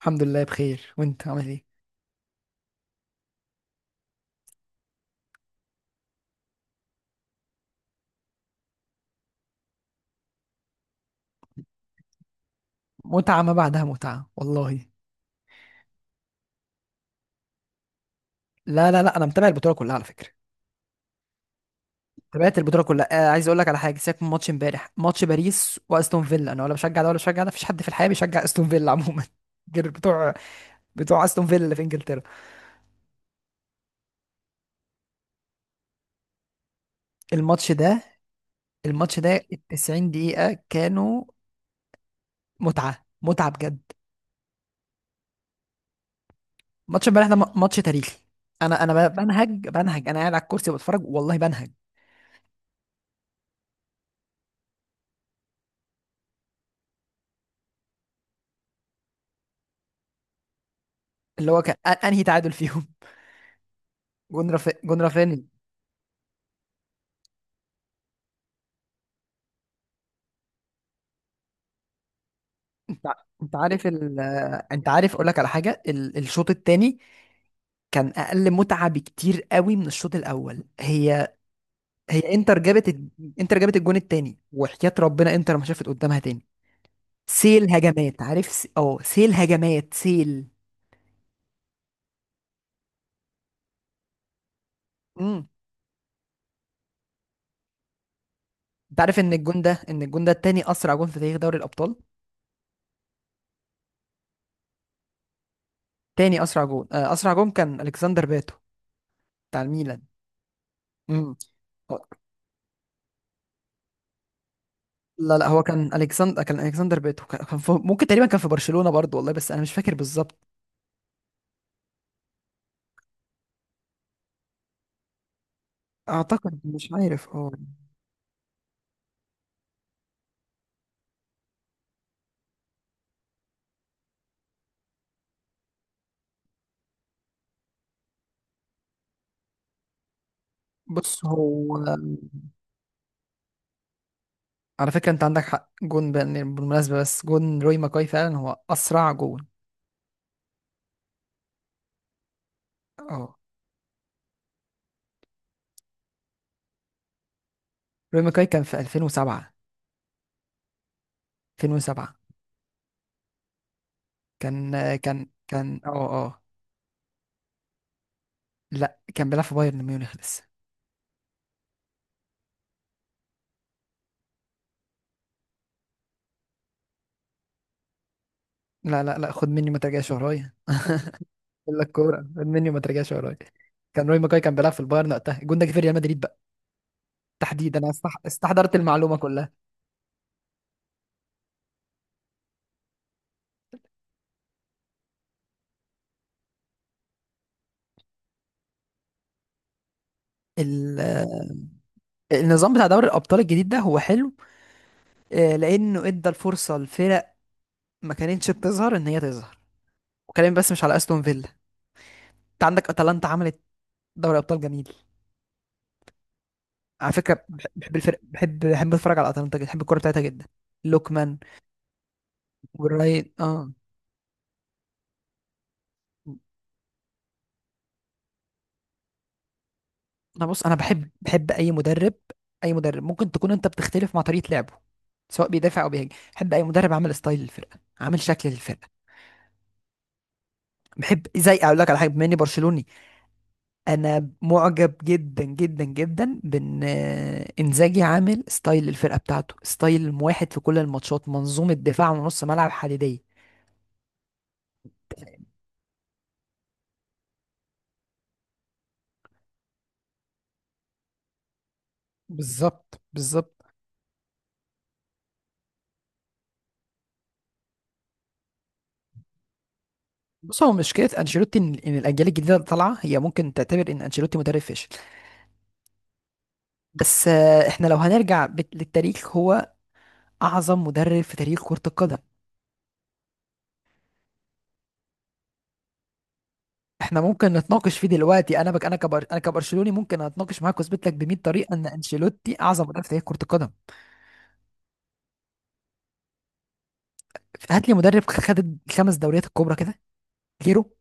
الحمد لله بخير، وانت عامل ايه؟ متعه ما بعدها متعه والله. لا لا لا، انا متابع البطوله كلها على فكره. تابعت البطوله كلها. عايز اقول لك على حاجه، سيبك من ماتش امبارح، ماتش باريس واستون فيلا، انا ولا بشجع ده ولا بشجع ده. مفيش حد في الحياه بيشجع استون فيلا عموما غير بتوع استون فيلا اللي في انجلترا. الماتش ده الماتش ده ال 90 دقيقه كانوا متعه متعه بجد. ماتش امبارح ده ماتش تاريخي. انا بنهج، انا قاعد على الكرسي بتفرج والله بنهج. اللي هو كان انهي تعادل فيهم؟ جون رافينيا. انت انت عارف، اقول لك على حاجه. الشوط الثاني كان اقل متعه بكتير قوي من الشوط الاول. هي انتر جابت الجون الثاني، وحياة ربنا انتر ما شافت قدامها تاني. سيل هجمات، عارف، س... اه سيل هجمات سيل امم انت عارف ان الجون ده، تاني اسرع جون في تاريخ دوري الابطال. تاني اسرع جون، اسرع جون كان الكسندر باتو بتاع الميلان. امم لا لا، هو كان الكسندر، بيتو. ممكن تقريبا كان في برشلونة برضو والله، بس انا مش فاكر بالظبط. اعتقد مش عارف. اه بص، هو على فكرة انت عندك حق جون بالمناسبة، بس جون روي ماكاي فعلا هو اسرع جون. اه روي ماكاي كان في 2007. 2007، كان لا، كان بيلعب في بايرن ميونخ لسه. لا لا لا، خد مني ما ترجعش ورايا، الا الكورة، خد مني ما ترجعش ورايا. كان روي ماكاي كان بيلعب في البايرن وقتها، الجون ده جه في ريال مدريد تحديدا. انا استحضرت المعلومه كلها. ال- النظام بتاع دوري الابطال الجديد ده هو حلو، لانه ادى الفرصه لفرق ما كانتش بتظهر ان هي تظهر. وكلامي بس مش على استون فيلا، انت عندك اتلانتا، عملت دوري ابطال جميل. على فكره بحب الفرق، بحب اتفرج على اتلانتا جدا، بحب الكوره بتاعتها جدا. لوكمان وراين. اه انا، بص، انا بحب، اي مدرب. اي مدرب ممكن تكون انت بتختلف مع طريقه لعبه، سواء بيدافع او بيهاجم، بحب اي مدرب عامل ستايل للفرقه، عامل شكل للفرقه. بحب، زي اقول لك على حاجه، بما اني برشلوني، انا معجب جدا جدا جدا بان انزاجي عامل ستايل الفرقه بتاعته، ستايل واحد في كل الماتشات، منظومه دفاع ونص ملعب حديديه. بالظبط بالظبط. بص هو مشكلة أنشيلوتي إن الأجيال الجديدة اللي طالعة هي ممكن تعتبر إن أنشيلوتي مدرب فاشل. بس إحنا لو هنرجع للتاريخ، هو أعظم مدرب في تاريخ كرة القدم. احنا ممكن نتناقش فيه دلوقتي، انا بك انا كبر انا كبرشلوني ممكن اتناقش معاك واثبت لك ب 100 طريقه ان انشيلوتي اعظم مدرب في تاريخ كره القدم. هات لي مدرب خد الخمس دوريات الكبرى كده. كيرو،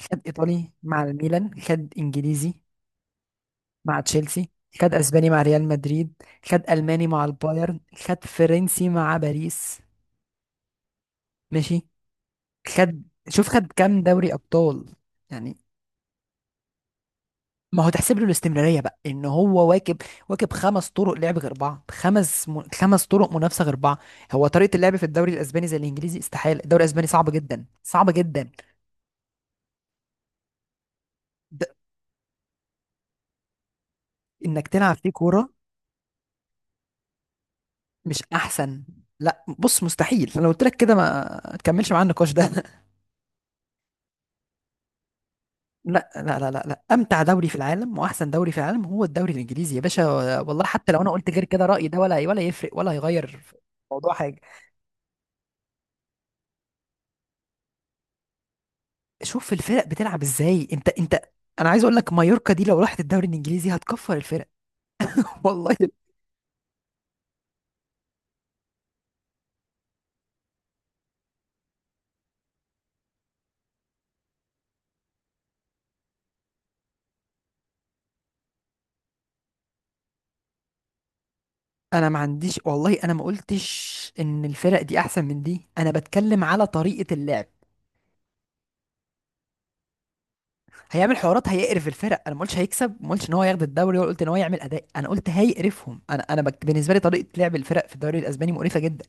خد ايطالي مع الميلان، خد انجليزي مع تشيلسي، خد اسباني مع ريال مدريد، خد الماني مع البايرن، خد فرنسي مع باريس. ماشي. خد شوف، خد كام دوري ابطال؟ يعني ما هو تحسب له الاستمراريه بقى، ان هو واكب، واكب 5 طرق لعب غير بعض، خمس 5 طرق منافسه غير بعض. هو طريقه اللعب في الدوري الاسباني زي الانجليزي، استحاله. الدوري الاسباني صعب جدا، صعب جدا. د... انك تلعب فيه كوره مش احسن. لا بص، مستحيل. انا لو قلت لك كده ما تكملش معاه النقاش ده. لا لا لا لا لا، امتع دوري في العالم واحسن دوري في العالم هو الدوري الانجليزي يا باشا. والله حتى لو انا قلت غير كده، رايي ده ولا ولا يفرق ولا هيغير في الموضوع حاجه. شوف الفرق بتلعب ازاي. انت انا عايز اقول لك، مايوركا دي لو راحت الدوري الانجليزي هتكفر الفرق. والله. انا ما عنديش، والله انا ما قلتش ان الفرق دي احسن من دي، انا بتكلم على طريقة اللعب. هيعمل حوارات، هيقرف الفرق. انا ما قلتش هيكسب، ما قلتش ان هو ياخد الدوري، ولا قلت ان هو يعمل اداء، انا قلت هيقرفهم. انا، انا بالنسبه لي طريقه لعب الفرق في الدوري الاسباني مقرفه جدا.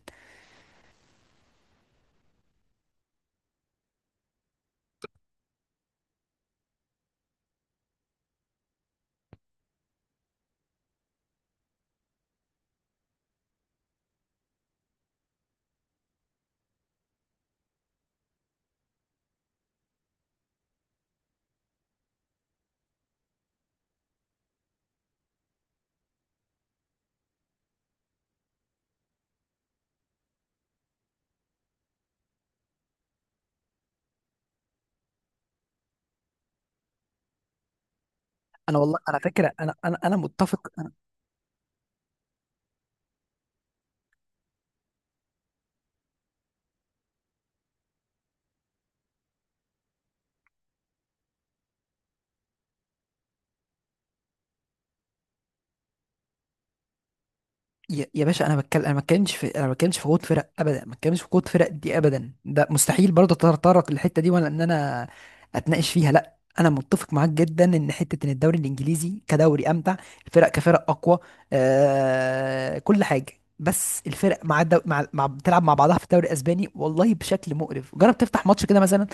انا والله على فكره، انا انا انا متفق. يا يا باشا، انا بتكلم، انا ما بتكلمش في قوه فرق ابدا، ما بتكلمش في قوه فرق دي ابدا، ده مستحيل برضه اتطرق للحته دي ولا ان انا اتناقش فيها، لا. انا متفق معاك جدا ان حته ان الدوري الانجليزي كدوري امتع، الفرق كفرق اقوى، كل حاجه. بس الفرق مع, الدو... مع مع بتلعب مع بعضها في الدوري الاسباني والله بشكل مقرف، جرب تفتح ماتش كده مثلا.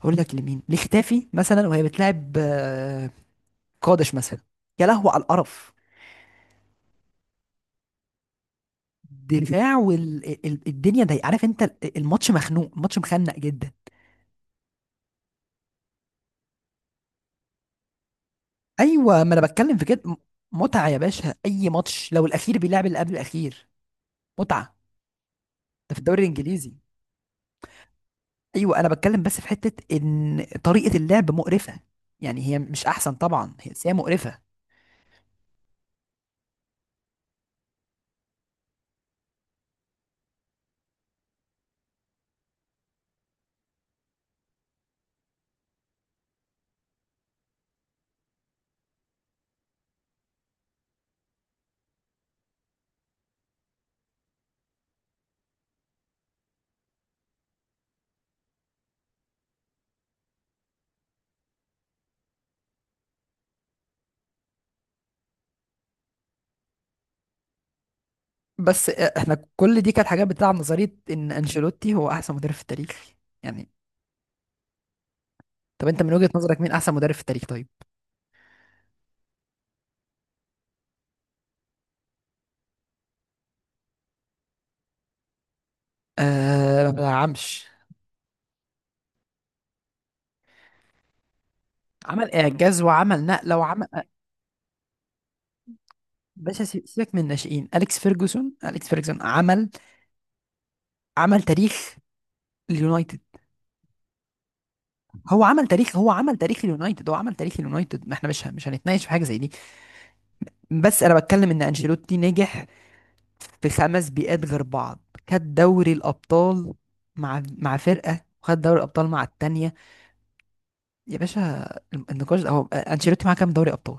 اقول لك لمين، لختافي مثلا وهي بتلعب، قادش مثلا، يا لهو على القرف. الدفاع والدنيا ضيقه، عارف انت، الماتش مخنوق، الماتش مخنق جدا. ايوه، ما انا بتكلم في كده. متعه يا باشا، اي ماتش لو الاخير بيلعب اللي قبل الاخير متعه. ده في الدوري الانجليزي. ايوه انا بتكلم، بس في حته ان طريقه اللعب مقرفه، يعني هي مش احسن طبعا هي، بس هي مقرفه. بس احنا كل دي كانت حاجات بتلعب نظريه ان انشيلوتي هو احسن مدرب في التاريخ. يعني، طب انت من وجهه نظرك مين احسن مدرب في التاريخ طيب؟ آه، ما بلعبش. عمل اعجاز وعمل نقله. باشا سيبك من الناشئين. اليكس فيرجسون عمل تاريخ اليونايتد. هو عمل تاريخ اليونايتد. ما احنا مش هنتناقش في حاجه زي دي. بس انا بتكلم ان انشيلوتي نجح في 5 بيئات غير بعض. خد دوري الابطال مع فرقه، وخد دوري الابطال مع التانيه. يا باشا، النقاش ده، هو انشيلوتي معاه كام دوري ابطال؟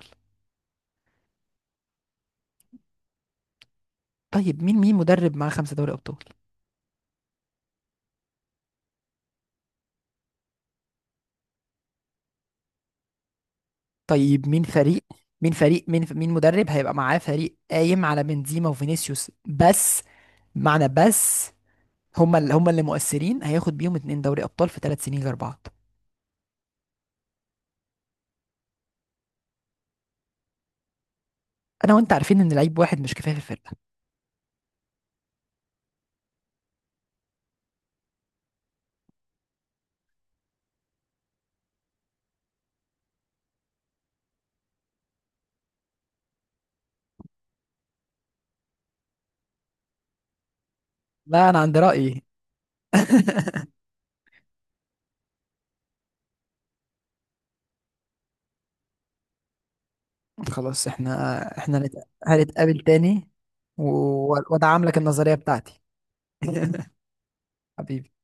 طيب، مين مدرب معاه 5 دوري ابطال؟ طيب مين فريق، مين مدرب هيبقى معاه فريق قايم على بنزيما وفينيسيوس بس؟ معنى بس هما اللي مؤثرين، هياخد بيهم 2 دوري ابطال في 3 سنين غير بعض. انا وانت عارفين ان لعيب واحد مش كفايه في الفرقه. لا، انا عندي رايي. خلاص، احنا احنا هنتقابل تاني، وادعم لك النظريه بتاعتي. حبيبي.